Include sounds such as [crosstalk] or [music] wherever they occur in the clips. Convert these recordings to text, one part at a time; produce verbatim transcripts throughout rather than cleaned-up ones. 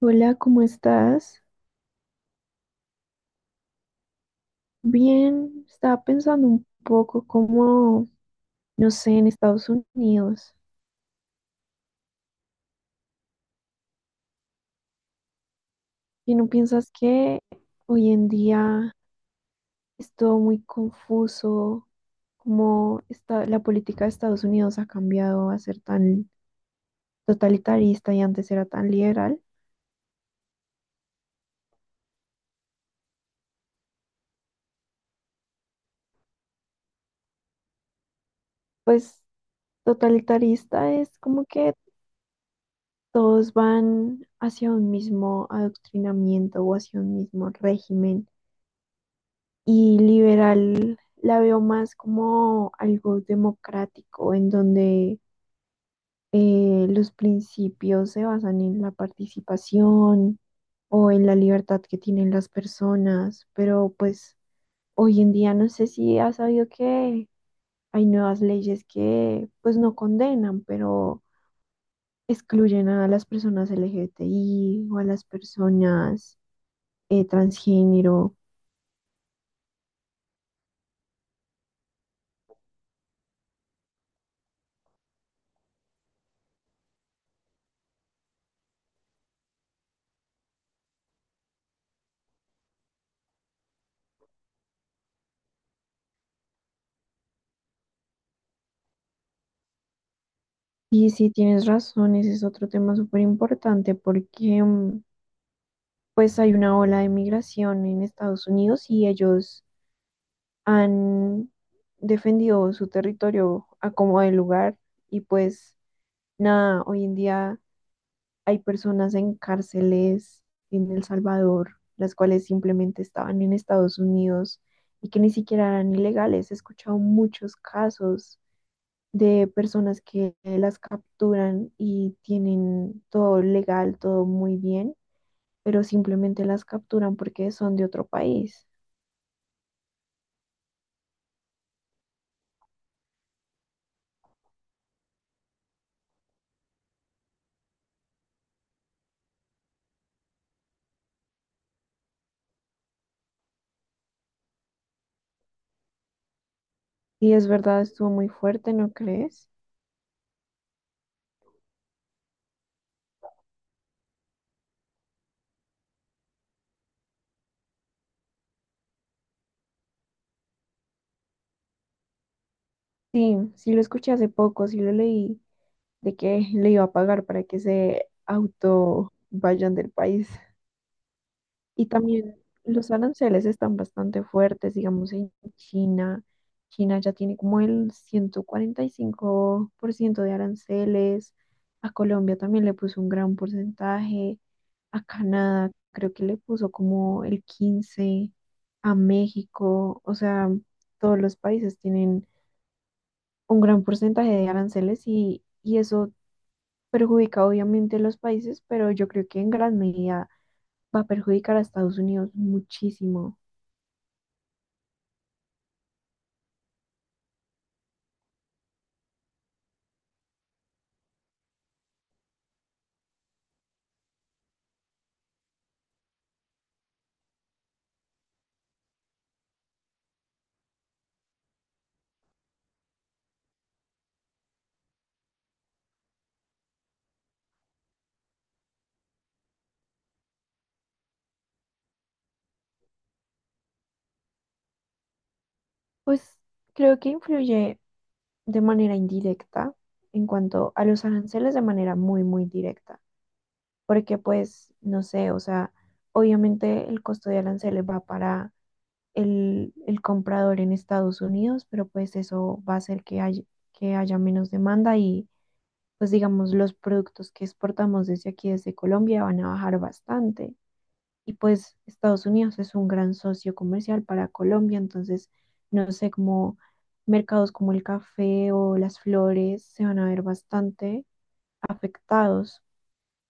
Hola, ¿cómo estás? Bien, estaba pensando un poco como, no sé, en Estados Unidos. ¿Y no piensas que hoy en día es todo muy confuso? Como está la política de Estados Unidos? Ha cambiado a ser tan totalitarista y antes era tan liberal. Pues totalitarista es como que todos van hacia un mismo adoctrinamiento o hacia un mismo régimen. Y liberal la veo más como algo democrático, en donde eh, los principios se basan en la participación o en la libertad que tienen las personas. Pero pues hoy en día no sé si has sabido que hay nuevas leyes que pues no condenan, pero excluyen a las personas L G B T I o a las personas eh, transgénero. Y sí, tienes razón, ese es otro tema súper importante porque mm, pues hay una ola de migración en Estados Unidos y ellos han defendido su territorio a como de lugar y pues nada, hoy en día hay personas en cárceles en El Salvador, las cuales simplemente estaban en Estados Unidos y que ni siquiera eran ilegales. He escuchado muchos casos de personas que las capturan y tienen todo legal, todo muy bien, pero simplemente las capturan porque son de otro país. Y es verdad, estuvo muy fuerte, ¿no crees? Sí, sí lo escuché hace poco, sí lo leí, de que le iba a pagar para que se auto vayan del país. Y también los aranceles están bastante fuertes, digamos, en China. China ya tiene como el ciento cuarenta y cinco por ciento de aranceles. A Colombia también le puso un gran porcentaje. A Canadá creo que le puso como el quince por ciento. A México. O sea, todos los países tienen un gran porcentaje de aranceles y, y eso perjudica obviamente a los países, pero yo creo que en gran medida va a perjudicar a Estados Unidos muchísimo. Pues creo que influye de manera indirecta en cuanto a los aranceles de manera muy, muy directa, porque pues, no sé, o sea, obviamente el costo de aranceles va para el, el comprador en Estados Unidos, pero pues eso va a hacer que haya, que haya menos demanda y pues digamos los productos que exportamos desde aquí, desde Colombia, van a bajar bastante. Y pues Estados Unidos es un gran socio comercial para Colombia, entonces no sé cómo mercados como el café o las flores se van a ver bastante afectados.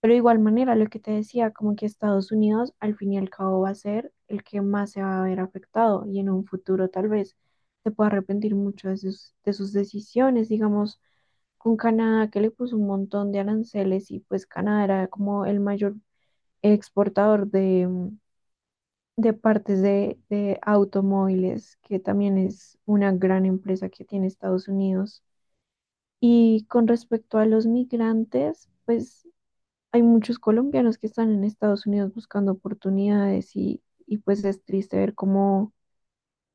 Pero de igual manera, lo que te decía, como que Estados Unidos al fin y al cabo va a ser el que más se va a ver afectado y en un futuro tal vez se pueda arrepentir mucho de sus, de sus decisiones, digamos, con Canadá que le puso un montón de aranceles y pues Canadá era como el mayor exportador de, de partes de, de automóviles, que también es una gran empresa que tiene Estados Unidos. Y con respecto a los migrantes, pues hay muchos colombianos que están en Estados Unidos buscando oportunidades y, y pues es triste ver cómo,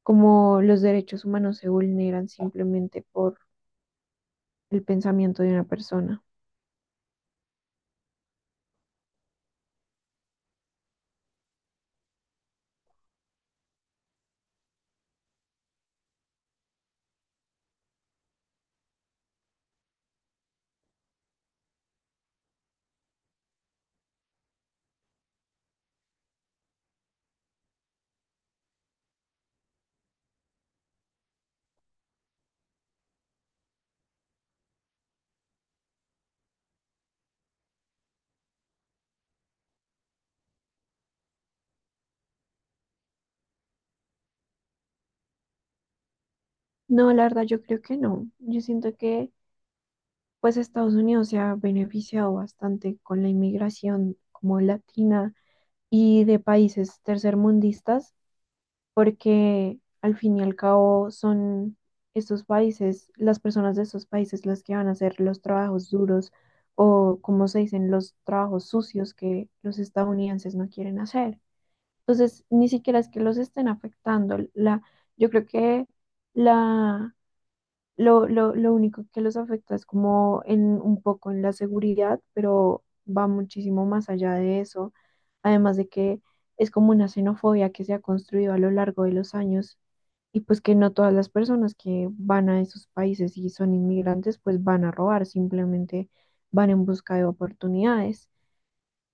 cómo los derechos humanos se vulneran simplemente por el pensamiento de una persona. No, la verdad yo creo que no. Yo siento que pues Estados Unidos se ha beneficiado bastante con la inmigración como latina y de países tercermundistas, porque al fin y al cabo son estos países, las personas de estos países las que van a hacer los trabajos duros o, como se dicen, los trabajos sucios que los estadounidenses no quieren hacer. Entonces, ni siquiera es que los estén afectando. La, yo creo que la lo, lo, lo único que los afecta es como en un poco en la seguridad, pero va muchísimo más allá de eso. Además de que es como una xenofobia que se ha construido a lo largo de los años y pues que no todas las personas que van a esos países y son inmigrantes pues van a robar, simplemente van en busca de oportunidades.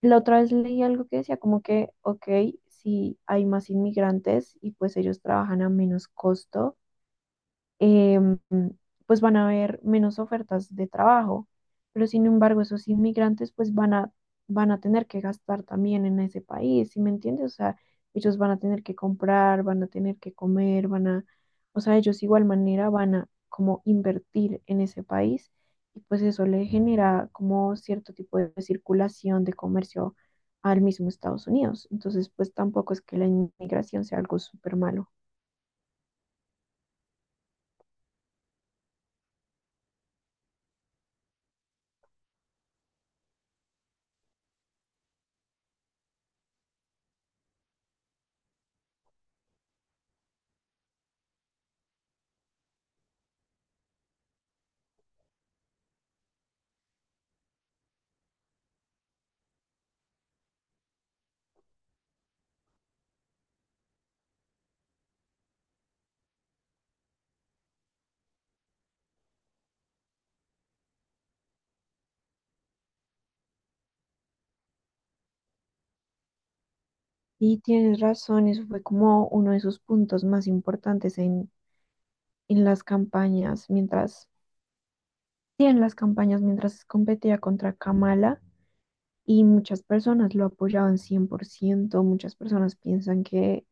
La otra vez leí algo que decía como que, ok, si hay más inmigrantes y pues ellos trabajan a menos costo, em, pues van a haber menos ofertas de trabajo, pero sin embargo esos inmigrantes pues van a, van a tener que gastar también en ese país, ¿sí me entiendes? O sea, ellos van a tener que comprar, van a tener que comer, van a, o sea, ellos igual manera van a como invertir en ese país y pues eso le genera como cierto tipo de circulación de comercio al mismo Estados Unidos. Entonces, pues tampoco es que la inmigración sea algo súper malo. Y tienes razón, eso fue como uno de sus puntos más importantes en, en las campañas, mientras, sí, en las campañas mientras competía contra Kamala y muchas personas lo apoyaban cien por ciento, muchas personas piensan que,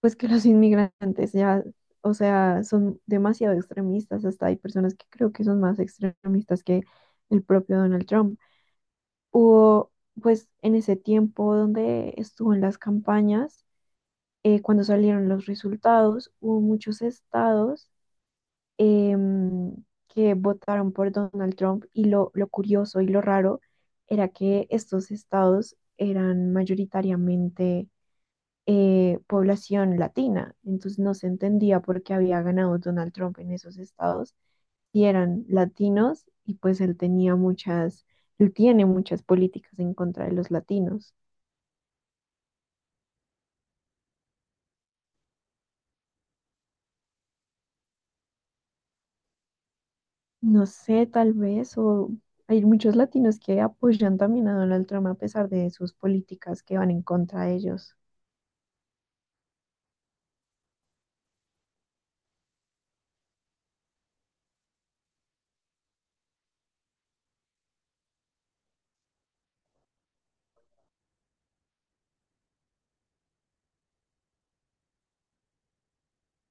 pues que los [laughs] inmigrantes ya, o sea, son demasiado extremistas, hasta hay personas que creo que son más extremistas que el propio Donald Trump. Hubo, pues, en ese tiempo donde estuvo en las campañas, eh, cuando salieron los resultados, hubo muchos estados em, que votaron por Donald Trump y lo, lo curioso y lo raro era que estos estados eran mayoritariamente eh, población latina, entonces no se entendía por qué había ganado Donald Trump en esos estados si eran latinos y pues él tenía muchas, él tiene muchas políticas en contra de los latinos. No sé, tal vez, o hay muchos latinos que apoyan también a Donald Trump a pesar de sus políticas que van en contra de ellos.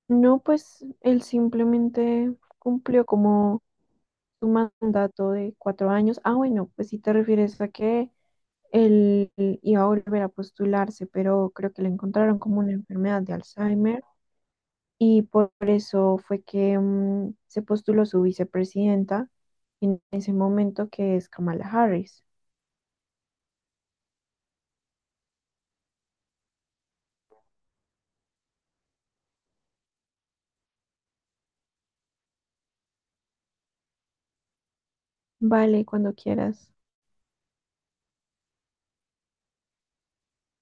No, pues él simplemente cumplió como su mandato de cuatro años. Ah, bueno, pues si te refieres a que él iba a volver a postularse, pero creo que le encontraron como una enfermedad de Alzheimer y por eso fue que, mm, se postuló su vicepresidenta en ese momento, que es Kamala Harris. Vale, cuando quieras.